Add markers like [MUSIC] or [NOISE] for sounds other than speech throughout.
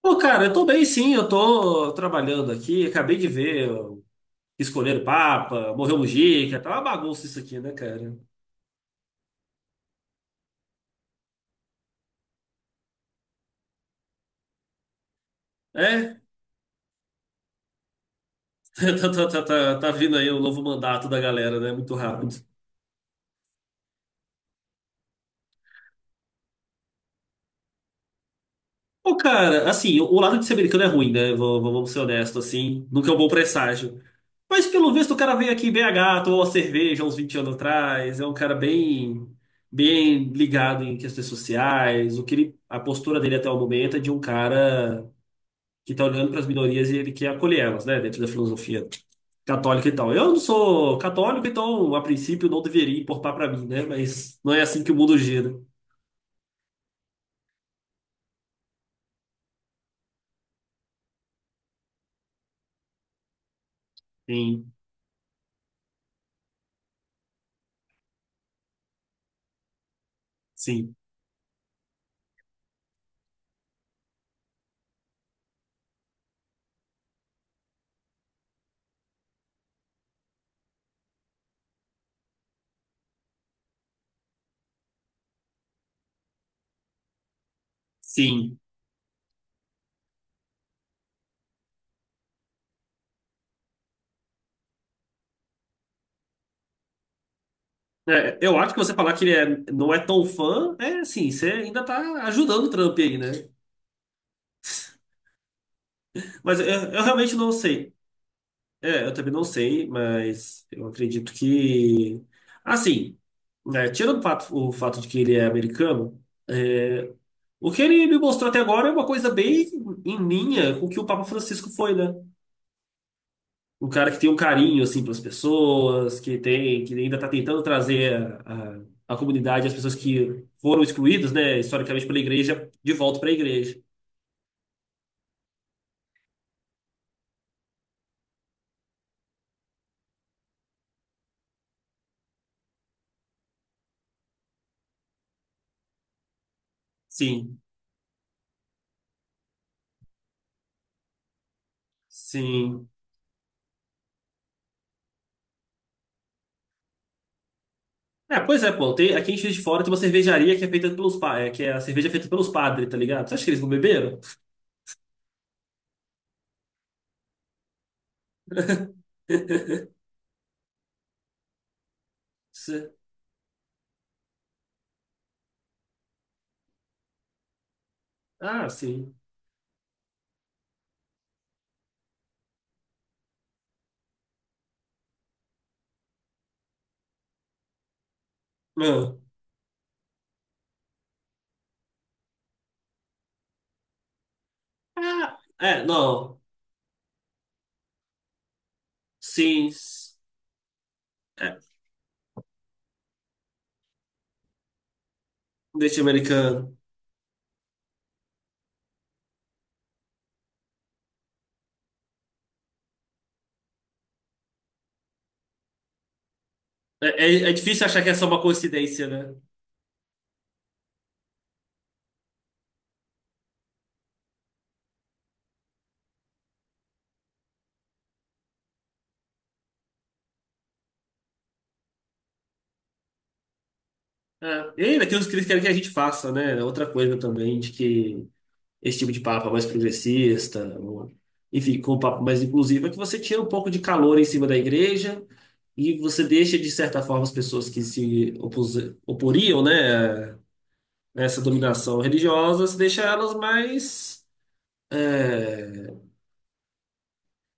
Pô, cara, eu tô bem sim, eu tô trabalhando aqui, acabei de ver ó, escolher o Papa, morreu o Mujica, tá uma bagunça isso aqui, né, cara? É. [LAUGHS] Tá, tá, tá, tá, tá vindo aí o novo mandato da galera, né, muito rápido. Pô, cara, assim, o lado de ser americano é ruim, né, vamos ser honestos, assim, nunca é um bom presságio. Mas pelo visto o cara veio aqui em BH, tomou uma cerveja uns 20 anos atrás, é um cara bem, bem ligado em questões sociais, o que ele, a postura dele até o momento é de um cara que está olhando para as minorias e ele quer acolher elas, né, dentro da filosofia católica e tal. Eu não sou católico, então a princípio não deveria importar para mim, né? Mas não é assim que o mundo gira. Sim, sim, sim. É, eu acho que você falar que ele não é tão fã, é assim, você ainda tá ajudando o Trump aí, né? [LAUGHS] Mas eu realmente não sei. É, eu também não sei, mas eu acredito que. Assim, né, tirando o fato de que ele é americano. O que ele me mostrou até agora é uma coisa bem em linha com o que o Papa Francisco foi, né? Um cara que tem um carinho, assim, pelas pessoas, que tem, que ainda está tentando trazer a, a comunidade, as pessoas que foram excluídas, né, historicamente pela igreja, de volta para a igreja. Sim, sim. É, pois é, pô, tem, aqui em Juiz de Fora tem uma cervejaria que é feita pelos, é, que é a cerveja feita pelos padres, tá ligado? Você acha que eles não beberam? [LAUGHS] Se- Ah, sim. Ah, ah, é, não. Sim. Deste americano. É, é difícil achar que é só uma coincidência, né? É. E ainda tem os que eles querem que a gente faça, né? É outra coisa também, de que esse tipo de papo é mais progressista, enfim, com um papo mais inclusivo, é que você tira um pouco de calor em cima da igreja e você deixa, de certa forma, as pessoas que se opus, oporiam, né, a essa dominação religiosa, você deixa elas mais. é,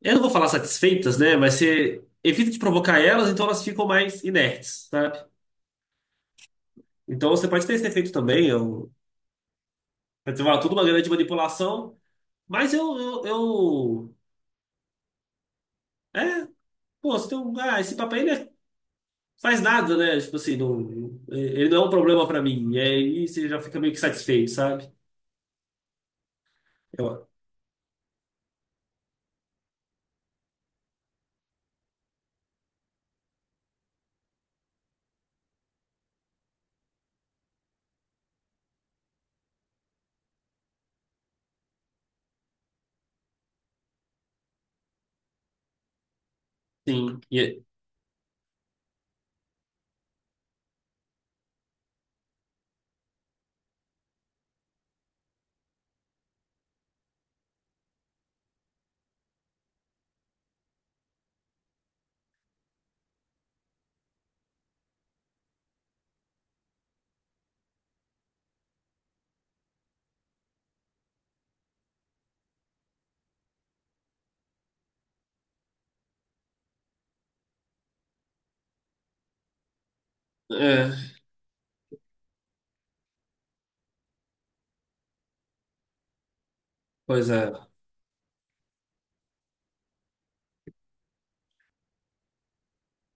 Eu não vou falar satisfeitas, né? Mas você evita de provocar elas, então elas ficam mais inertes, sabe? Então você pode ter esse efeito também. Eu, quer dizer, vai, tudo uma grande manipulação, mas é, pô, você tem um, ah, esse papel ele é- faz nada, né? Tipo assim, não, ele não é um problema pra mim. E aí você já fica meio que satisfeito, sabe? Eu, sim, é, pois é.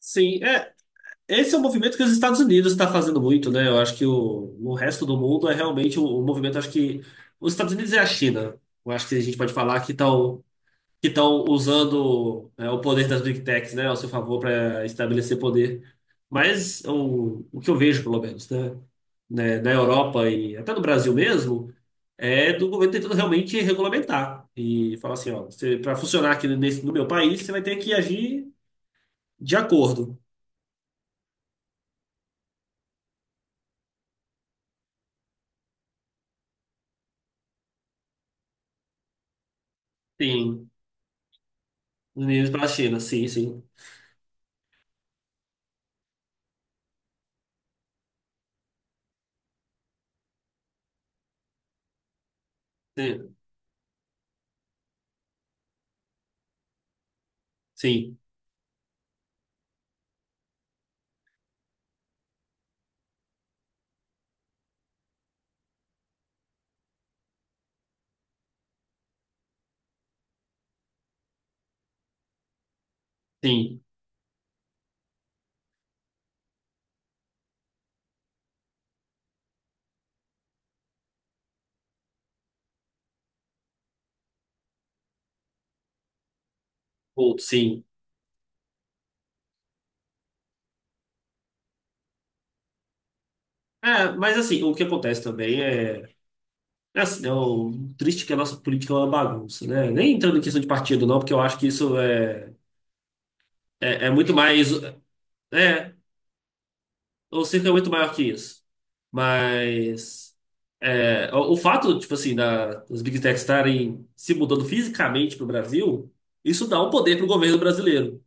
Sim, é. Esse é um movimento que os Estados Unidos está fazendo muito, né? Eu acho que o resto do mundo é realmente o movimento. Acho que os Estados Unidos e a China. Eu acho que a gente pode falar que estão usando o poder das Big Techs, né, ao seu favor para estabelecer poder. Mas o que eu vejo, pelo menos, né, né, na Europa e até no Brasil mesmo, é do governo tentando realmente regulamentar e falar assim, ó, para funcionar aqui nesse, no meu país, você vai ter que agir de acordo. Sim, meninos para a China, sim, sim, sim, sim, sim, outro, sim. É, mas assim, o que acontece também é é assim, é o triste que a nossa política é uma bagunça, né? Nem entrando em questão de partido, não, porque eu acho que isso é muito mais. É, o circo é muito maior que isso. Mas. O fato, tipo assim, da, das Big Techs estarem se mudando fisicamente para o Brasil, isso dá um poder para o governo brasileiro,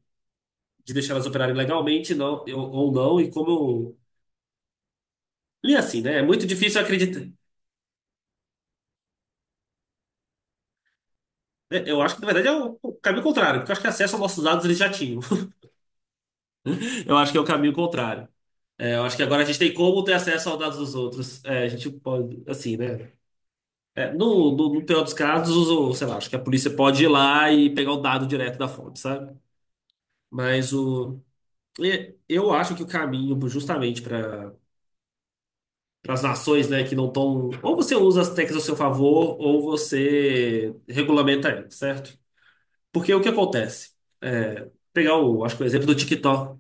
de deixar elas operarem legalmente não, ou não, e como eu. E assim, né? É muito difícil acreditar. Né? Eu acho que, na verdade, é o caminho contrário, porque eu acho que acesso aos nossos dados eles já tinham. [LAUGHS] Eu acho que é o caminho contrário. É, eu acho que agora a gente tem como ter acesso aos dados dos outros. É, a gente pode, assim, né? É, no pior dos casos, o, sei lá, acho que a polícia pode ir lá e pegar o dado direto da fonte, sabe? Mas o, eu acho que o caminho, justamente para as nações, né, que não estão. Ou você usa as técnicas ao seu favor, ou você regulamenta elas, certo? Porque o que acontece? É, pegar o, acho que o exemplo do TikTok.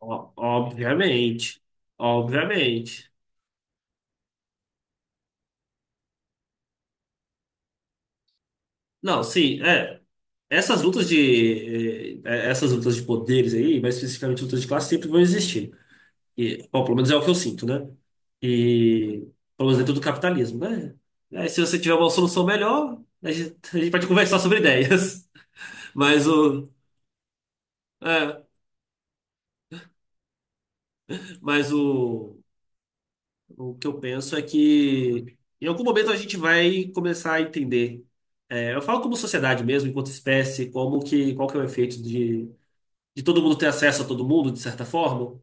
Ó, obviamente. Obviamente. Não, sim, é. Essas lutas de, essas lutas de poderes aí, mais especificamente lutas de classe, sempre vão existir. E, bom, pelo menos é o que eu sinto, né? E, pelo menos dentro do capitalismo, né? Aí, se você tiver uma solução melhor, a gente pode conversar sobre ideias. [LAUGHS] Mas o, é, mas o que eu penso é que em algum momento a gente vai começar a entender. É, eu falo como sociedade mesmo, enquanto espécie, como que, qual que é o efeito de todo mundo ter acesso a todo mundo, de certa forma.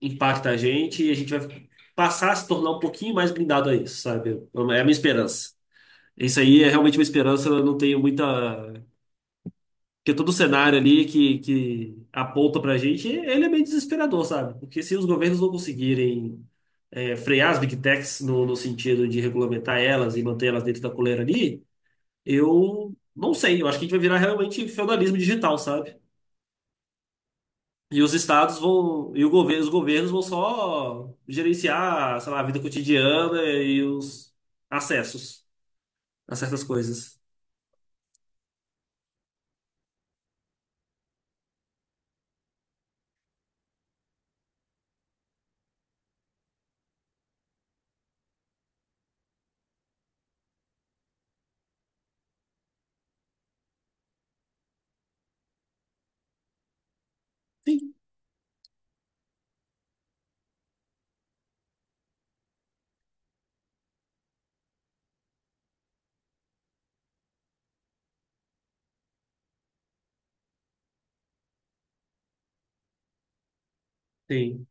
Impacta a gente e a gente vai passar a se tornar um pouquinho mais blindado a isso, sabe? É a minha esperança. Isso aí é realmente uma esperança, eu não tenho muita. Porque todo o cenário ali que aponta pra gente, ele é meio desesperador, sabe? Porque se os governos não conseguirem frear as big techs no sentido de regulamentar elas e manter elas dentro da coleira ali, eu não sei. Eu acho que a gente vai virar realmente feudalismo digital, sabe? E os estados vão, e o governo, os governos vão só gerenciar, sei lá, a vida cotidiana e os acessos a certas coisas. Sim, sim.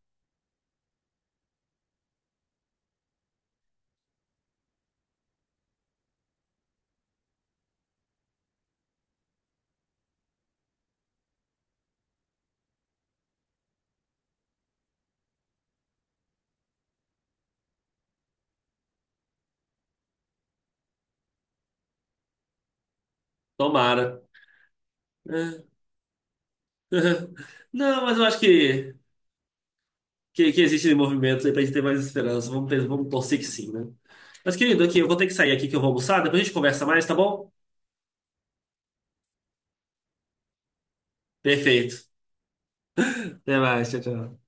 Tomara. É. [LAUGHS] Não, mas eu acho que existe movimento aí pra gente ter mais esperança. Vamos, vamos torcer que sim, né? Mas, querido, aqui, eu vou ter que sair aqui que eu vou almoçar, depois a gente conversa mais, tá bom? Perfeito. Até mais, tchau, tchau.